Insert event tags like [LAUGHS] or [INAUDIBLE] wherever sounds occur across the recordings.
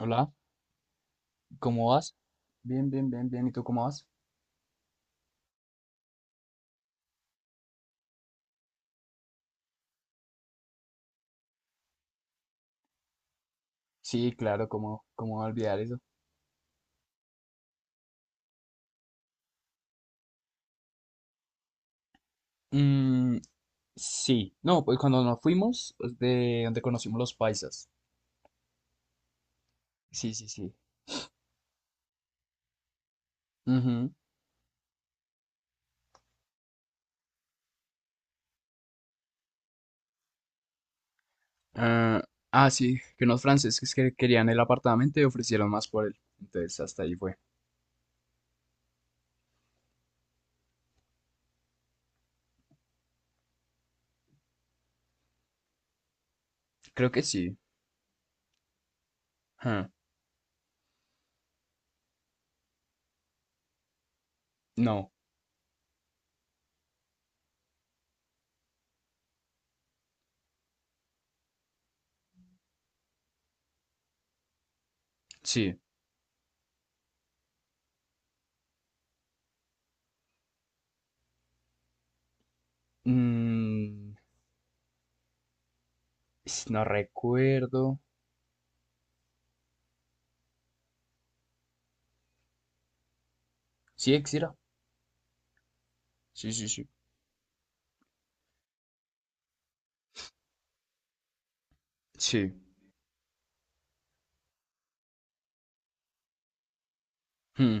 Hola, ¿cómo vas? Bien, bien, bien, bien. ¿Y tú cómo vas? Sí, claro, ¿cómo olvidar eso? Mm, sí, no, pues cuando nos fuimos, pues, de donde conocimos los paisas. Sí, sí, sí. Ujú. Ah, ah, sí, que unos franceses que querían el apartamento y ofrecieron más por él. Entonces, hasta ahí fue. Creo que sí. Ah, no, sí. Mm, no recuerdo. Sí, Exira. Sí, sí, sí. Sí. Hmm.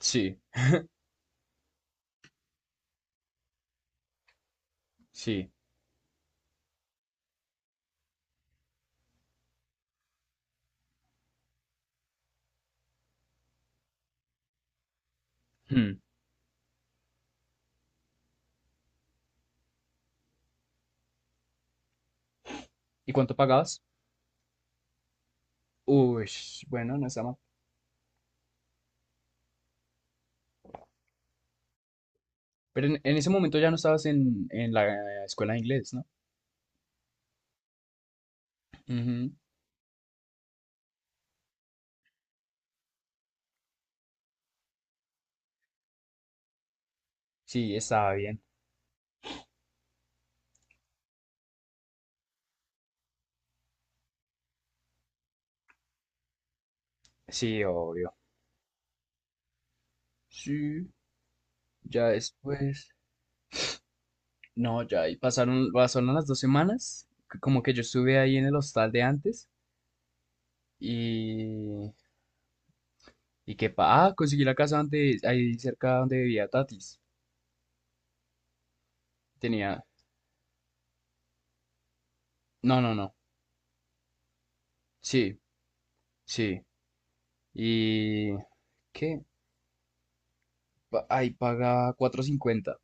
Sí, sí. Hmm. ¿Y cuánto pagabas? Uy, bueno, no está mal. Pero en ese momento ya no estabas en la escuela de inglés, ¿no? Ujú. Sí, estaba bien. Sí, obvio. Sí, ya después. No, ya ahí pasaron las 2 semanas. Como que yo estuve ahí en el hostal de antes. Y. Y que pa. Ah, conseguí la casa donde, ahí cerca donde vivía Tatis. Tenía. No, no, no. Sí, sí. Y. ¿Qué? Ahí pagaba 450.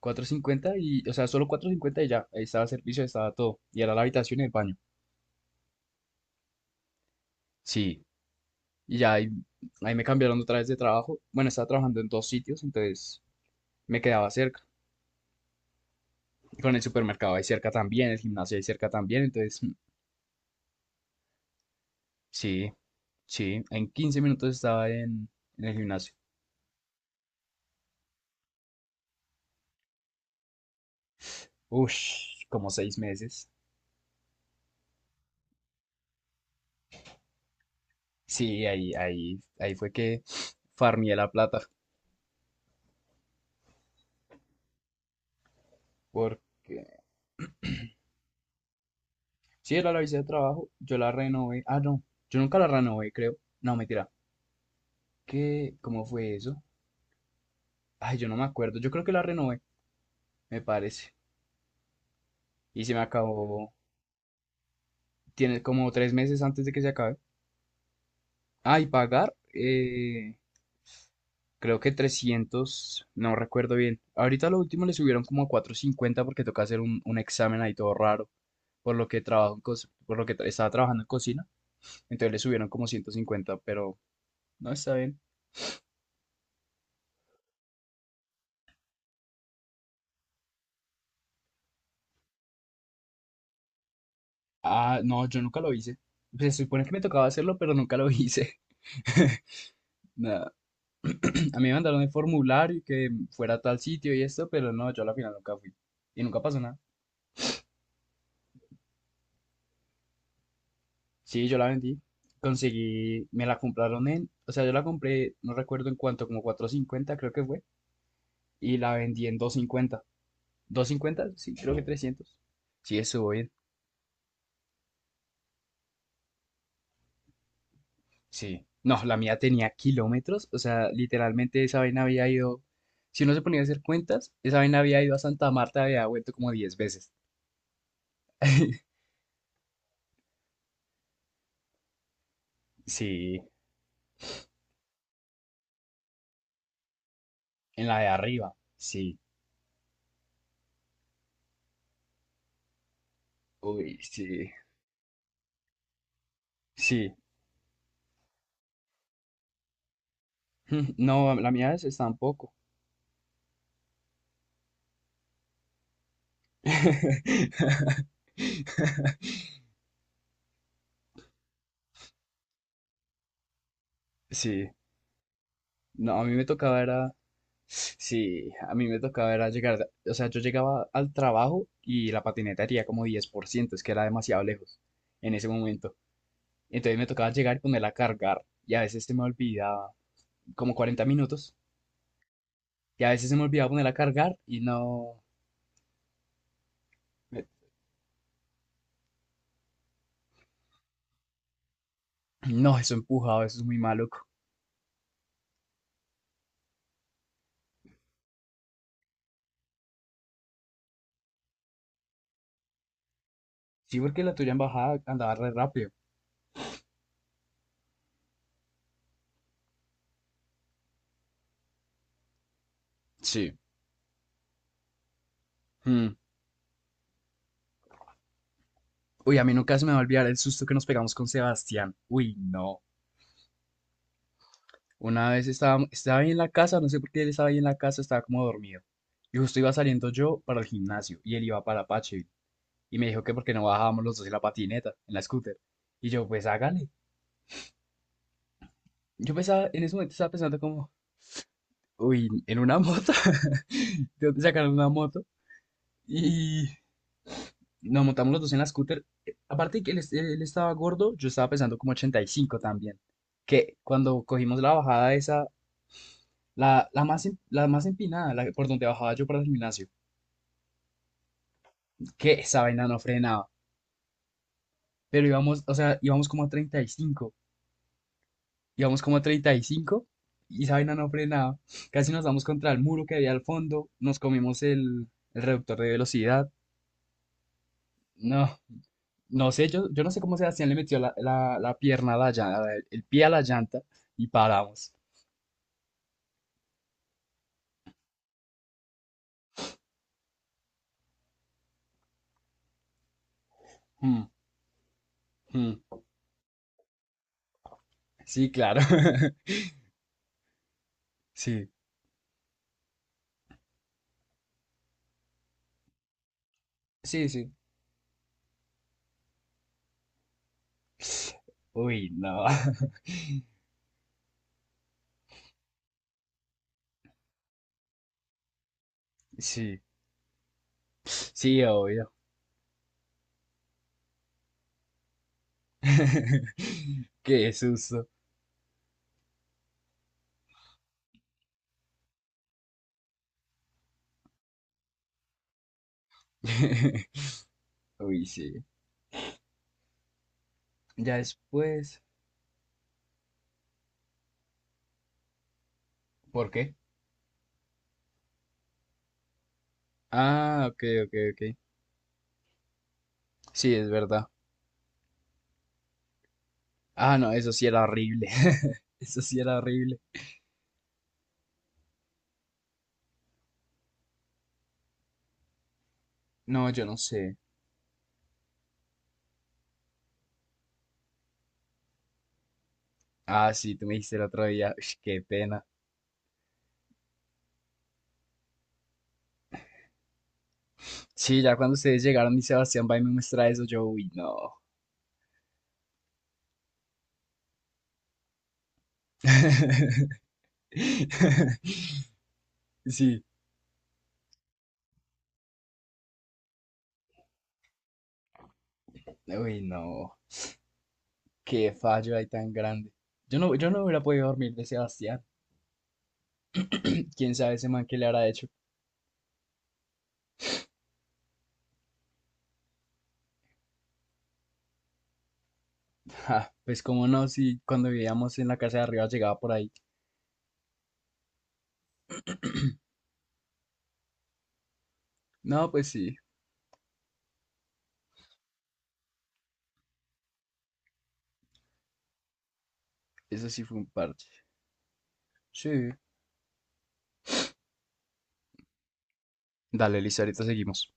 450 y, o sea, solo 450 y ya, ahí estaba el servicio, ahí estaba todo. Y era la habitación y el baño. Sí. Y ya ahí me cambiaron otra vez de trabajo. Bueno, estaba trabajando en dos sitios, entonces me quedaba cerca. Con el supermercado ahí cerca también, el gimnasio ahí cerca también, entonces sí, sí, en 15 minutos estaba en el gimnasio. Ush, como 6 meses. Sí, ahí fue que farmeé la plata. Porque sí, era la visa de trabajo, yo la renové. Ah, no, yo nunca la renové, creo. No, mentira. ¿Qué? ¿Cómo fue eso? Ay, yo no me acuerdo. Yo creo que la renové, me parece. Y se me acabó. Tiene como 3 meses antes de que se acabe. Ah, y pagar, creo que 300. No recuerdo bien. Ahorita lo último le subieron como a 450 porque toca hacer un examen ahí todo raro. Por lo que tra- estaba trabajando en cocina. Entonces le subieron como 150, pero no está bien. Ah, no, yo nunca lo hice. Pues se supone que me tocaba hacerlo, pero nunca lo hice. [LAUGHS] Nada. [CLEARS THROAT] A mí me mandaron el formulario y que fuera a tal sitio y esto, pero no, yo a la final nunca fui. Y nunca pasó nada. Sí, yo la vendí. Conseguí, me la compraron en, o sea, yo la compré, no recuerdo en cuánto, como 450 creo que fue. Y la vendí en 250. Cincuenta. Sí, creo que 300. Sí, estuvo bien. Sí. No, la mía tenía kilómetros. O sea, literalmente esa vaina había ido, si uno se ponía a hacer cuentas, esa vaina había ido a Santa Marta, había vuelto como 10 veces. [LAUGHS] Sí, en la de arriba. Sí. Uy, sí, sí. [LAUGHS] No, la mía es tampoco. [LAUGHS] Sí, no, a mí me tocaba era, sí, a mí me tocaba era llegar, o sea, yo llegaba al trabajo y la patineta haría como 10%, es que era demasiado lejos en ese momento. Entonces me tocaba llegar y ponerla a cargar y a veces se me olvidaba, como 40 minutos, y a veces se me olvidaba ponerla a cargar y no, me- no, eso empujado, eso es muy maluco. Sí, porque la tuya en bajada andaba re rápido. Sí. Uy, a mí nunca se me va a olvidar el susto que nos pegamos con Sebastián. Uy, no. Una vez estaba ahí en la casa, no sé por qué él estaba ahí en la casa, estaba como dormido. Y justo iba saliendo yo para el gimnasio y él iba para Apache. Y me dijo que porque no bajábamos los dos en la patineta, en la scooter. Y yo, pues hágale. Yo pensaba, en ese momento estaba pensando como, uy, en una moto. [LAUGHS] ¿De dónde sacaron una moto? Y nos montamos los dos en la scooter. Aparte de que él, él estaba gordo, yo estaba pesando como 85 también. Que cuando cogimos la bajada esa. La más, la más empinada, por donde bajaba yo para el gimnasio. Que esa vaina no frenaba. Pero íbamos, o sea, íbamos como a 35. Íbamos como a 35 y cinco y esa vaina no frenaba. Casi nos damos contra el muro que había al fondo. Nos comimos el reductor de velocidad. No, no sé, yo no sé cómo Sebastián le metió la pierna a la llanta, el pie a la llanta y paramos. Mm, mm. Sí, claro. [LAUGHS] Sí, sí, sí. Uy, no. [LAUGHS] Sí, sí, obvio. [LAUGHS] Qué susto. [LAUGHS] Uy, sí. Ya después. ¿Por qué? Ah, ok, ok, ok. Sí, es verdad. Ah, no, eso sí era horrible. [LAUGHS] Eso sí era horrible. No, yo no sé. Ah, sí, tú me dijiste el otro día. Ush, qué pena. Sí, ya cuando ustedes llegaron y Sebastián va y me muestra eso, yo, uy, no. [LAUGHS] Sí, uy, no. Qué fallo hay tan grande. Yo no hubiera podido dormir de Sebastián. Quién sabe ese man qué le habrá hecho. Ja, pues cómo no, si cuando vivíamos en la casa de arriba llegaba por ahí. [CLEARS THROAT] No, pues sí, eso sí fue un parche. Sí. Dale, listo, ahorita seguimos.